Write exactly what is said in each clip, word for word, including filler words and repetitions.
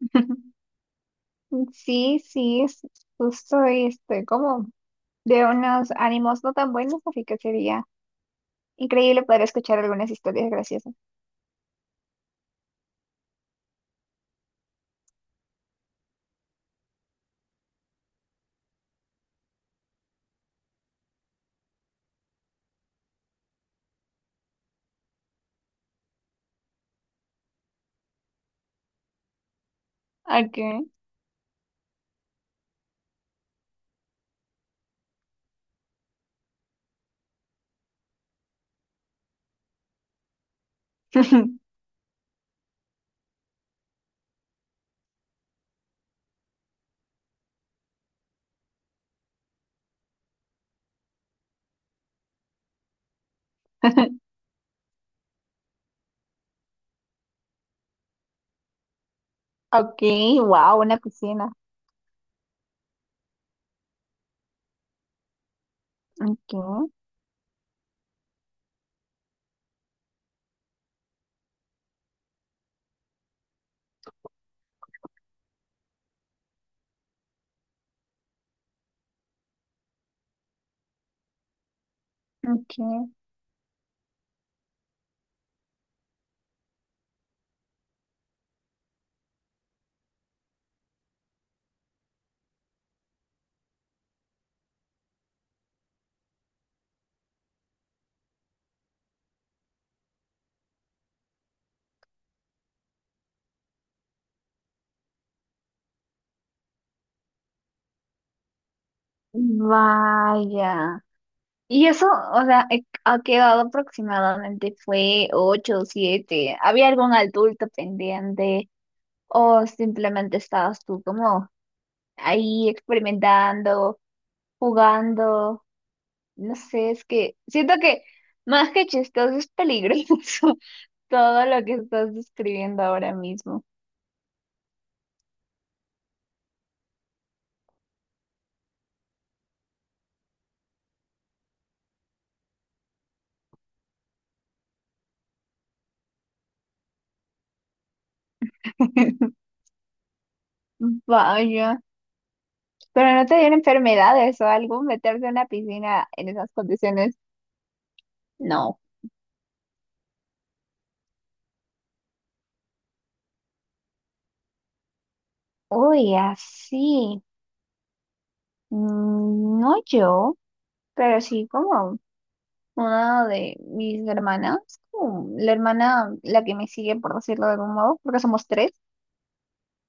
Sí, sí, es justo estoy como de unos ánimos no tan buenos, así que sería increíble poder escuchar algunas historias graciosas. Okay. Okay, wow, una piscina. Okay, okay. Vaya. Y eso, o sea, eh, ha quedado aproximadamente fue ocho o siete. ¿Había algún adulto pendiente o simplemente estabas tú como ahí experimentando, jugando? No sé, es que siento que más que chistoso es peligroso todo lo que estás describiendo ahora mismo. Vaya, pero no te dieron enfermedades o algo, meterte en una piscina en esas condiciones. No. Uy, así. Mm, no yo, pero sí como una de mis hermanas, como la hermana, la que me sigue, por decirlo de algún modo, porque somos tres.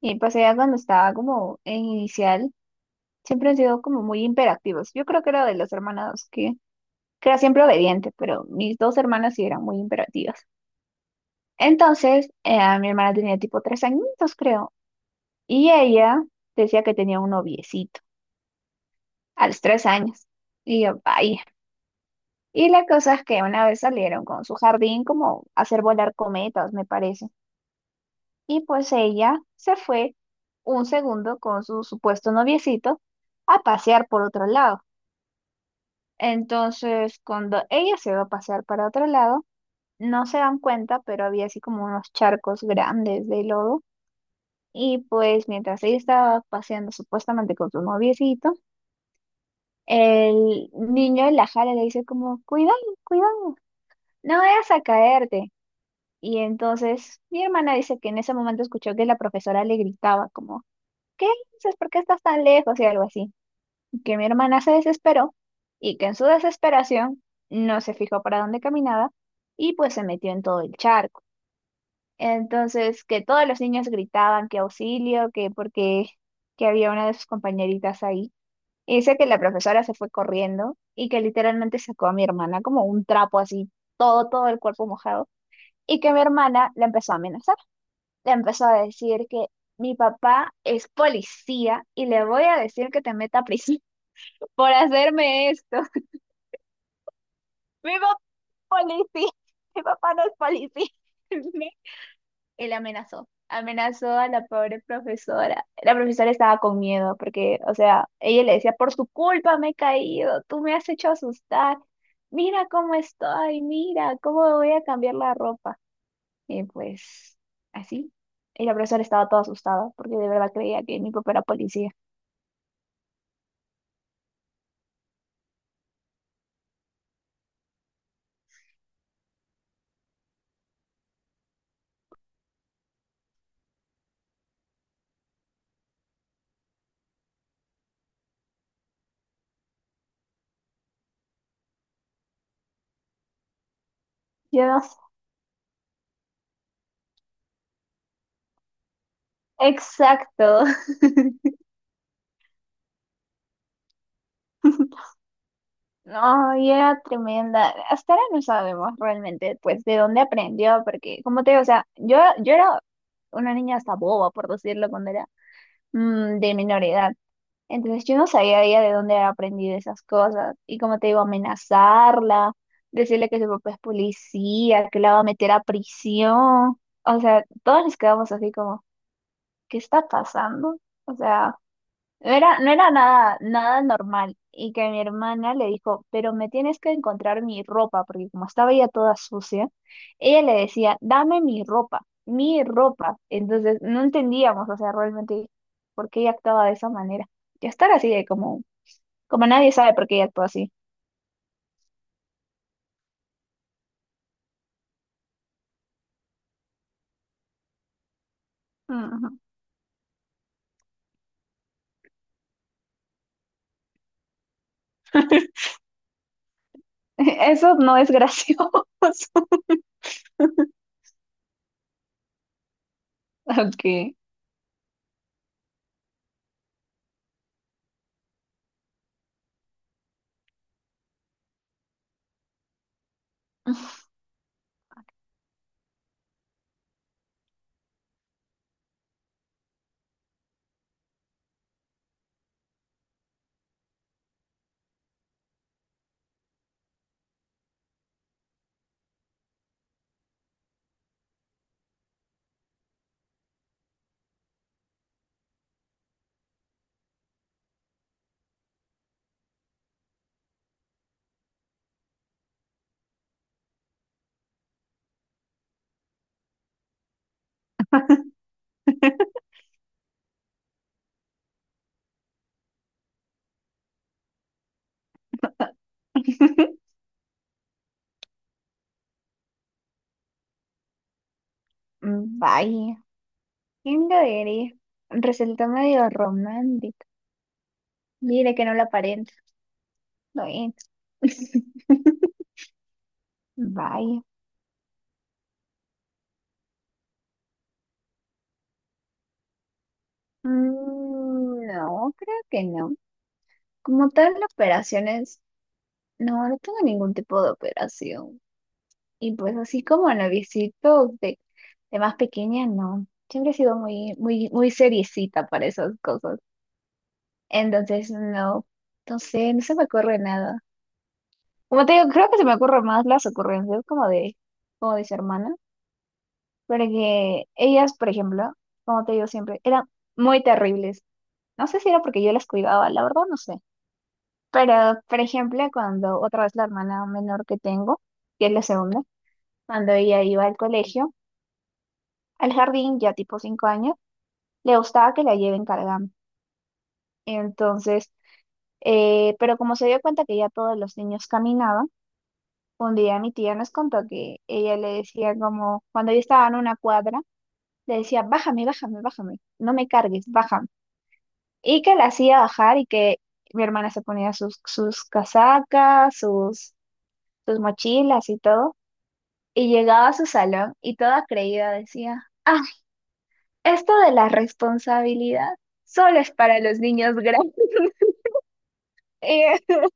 Y pues ella cuando estaba como en inicial. Siempre han sido como muy imperativos. Yo creo que era de los hermanos que, que era siempre obediente, pero mis dos hermanas sí eran muy imperativas. Entonces, eh, mi hermana tenía tipo tres añitos, creo, y ella decía que tenía un noviecito a los tres años. Y yo, vaya. Y la cosa es que una vez salieron con su jardín como a hacer volar cometas, me parece. Y pues ella se fue un segundo con su supuesto noviecito a pasear por otro lado. Entonces, cuando ella se va a pasar para otro lado, no se dan cuenta, pero había así como unos charcos grandes de lodo. Y pues mientras ella estaba paseando supuestamente con su noviecito, el niño la jala y le dice como, cuidado, cuidado, no vayas a caerte. Y entonces mi hermana dice que en ese momento escuchó que la profesora le gritaba como, ¿qué dices? ¿Por qué estás tan lejos? Y algo así. Que mi hermana se desesperó y que en su desesperación no se fijó para dónde caminaba y pues se metió en todo el charco. Entonces, que todos los niños gritaban que auxilio, que porque que había una de sus compañeritas ahí. Y dice que la profesora se fue corriendo y que literalmente sacó a mi hermana como un trapo así, todo, todo el cuerpo mojado, y que mi hermana la empezó a amenazar. Le empezó a decir que mi papá es policía y le voy a decir que te meta a prisión por hacerme esto. Mi papá no es policía, mi papá no es policía. Él amenazó, amenazó a la pobre profesora. La profesora estaba con miedo porque, o sea, ella le decía, por tu culpa me he caído, tú me has hecho asustar, mira cómo estoy, mira cómo me voy a cambiar la ropa. Y pues así. Y la profesora estaba toda asustada porque de verdad creía que mi papá era policía. Yo no sé. Exacto. No, y era tremenda. Hasta ahora no sabemos realmente, pues, de dónde aprendió, porque, como te digo, o sea, yo, yo era una niña hasta boba, por decirlo, cuando era mm, de menor edad. Entonces yo no sabía ella de dónde había aprendido esas cosas. Y como te digo, amenazarla, decirle que su papá es policía, que la va a meter a prisión. O sea, todos nos quedamos así como, ¿qué está pasando? O sea, no era, no era nada, nada normal. Y que mi hermana le dijo, pero me tienes que encontrar mi ropa, porque como estaba ya toda sucia, ella le decía, dame mi ropa, mi ropa. Entonces no entendíamos, o sea, realmente por qué ella actuaba de esa manera. Y estar así de como, como nadie sabe por qué ella actúa así. Ujú. Eso no es gracioso. Ok. Vaya, ¿quién lo diría? Resultó medio romántico. Mire que no lo aparenta. Bueno, vaya. Mm, no, creo que no. Como tal, operaciones, no, no tengo ningún tipo de operación. Y pues así como novicitos de, de más pequeña, no. Siempre he sido muy, muy, muy seriecita para esas cosas. Entonces, no, no sé, no se me ocurre nada. Como te digo, creo que se me ocurren más las ocurrencias como de, como de su hermana. Porque ellas, por ejemplo, como te digo siempre, eran muy terribles. No sé si era porque yo las cuidaba, la verdad no sé. Pero, por ejemplo, cuando otra vez la hermana menor que tengo, que es la segunda, cuando ella iba al colegio, al jardín, ya tipo cinco años, le gustaba que la lleven cargando. Entonces, eh, pero como se dio cuenta que ya todos los niños caminaban, un día mi tía nos contó que ella le decía como, cuando yo estaba en una cuadra, le decía, bájame, bájame, bájame, no me cargues, bájame. Y que la hacía bajar y que mi hermana se ponía sus, sus casacas, sus sus mochilas y todo, y llegaba a su salón y toda creída decía, ah, esto de la responsabilidad solo es para los niños grandes.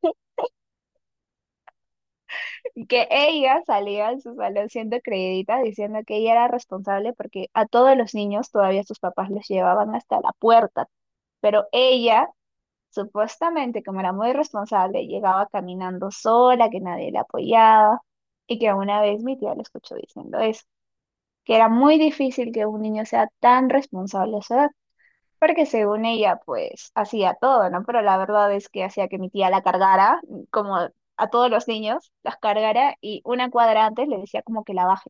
Y que ella salía de su salón siendo creidita, diciendo que ella era responsable porque a todos los niños todavía sus papás los llevaban hasta la puerta, pero ella... Supuestamente, como era muy responsable, llegaba caminando sola, que nadie la apoyaba, y que una vez mi tía le escuchó diciendo eso. Que era muy difícil que un niño sea tan responsable a su edad, porque según ella, pues hacía todo, ¿no? Pero la verdad es que hacía que mi tía la cargara, como a todos los niños, las cargara y una cuadra antes le decía como que la baje.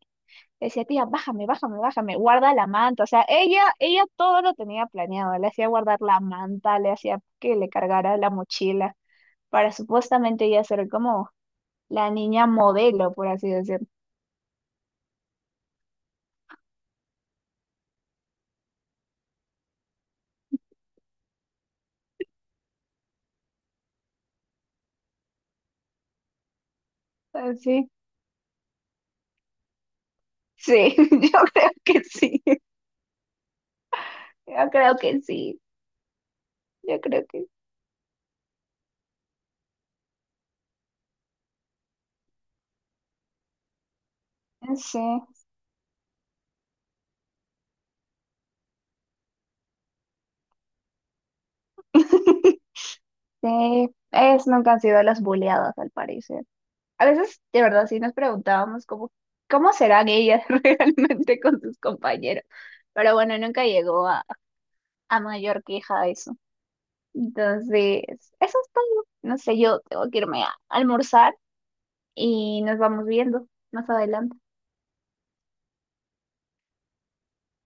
Le decía, tía, bájame, bájame, bájame, guarda la manta. O sea, ella, ella todo lo tenía planeado. Le hacía guardar la manta, le hacía que le cargara la mochila para supuestamente ella ser como la niña modelo, por así decirlo. Así. Sí, yo creo que sí. Yo creo que sí, yo creo que Sí, sí. Ellas nunca han sido las boleadas, al parecer. A veces, de verdad, sí nos preguntábamos cómo, cómo serán ellas realmente con sus compañeros. Pero bueno, nunca llegó a, a mayor queja eso. Entonces, eso es todo. No sé, yo tengo que irme a almorzar y nos vamos viendo más adelante.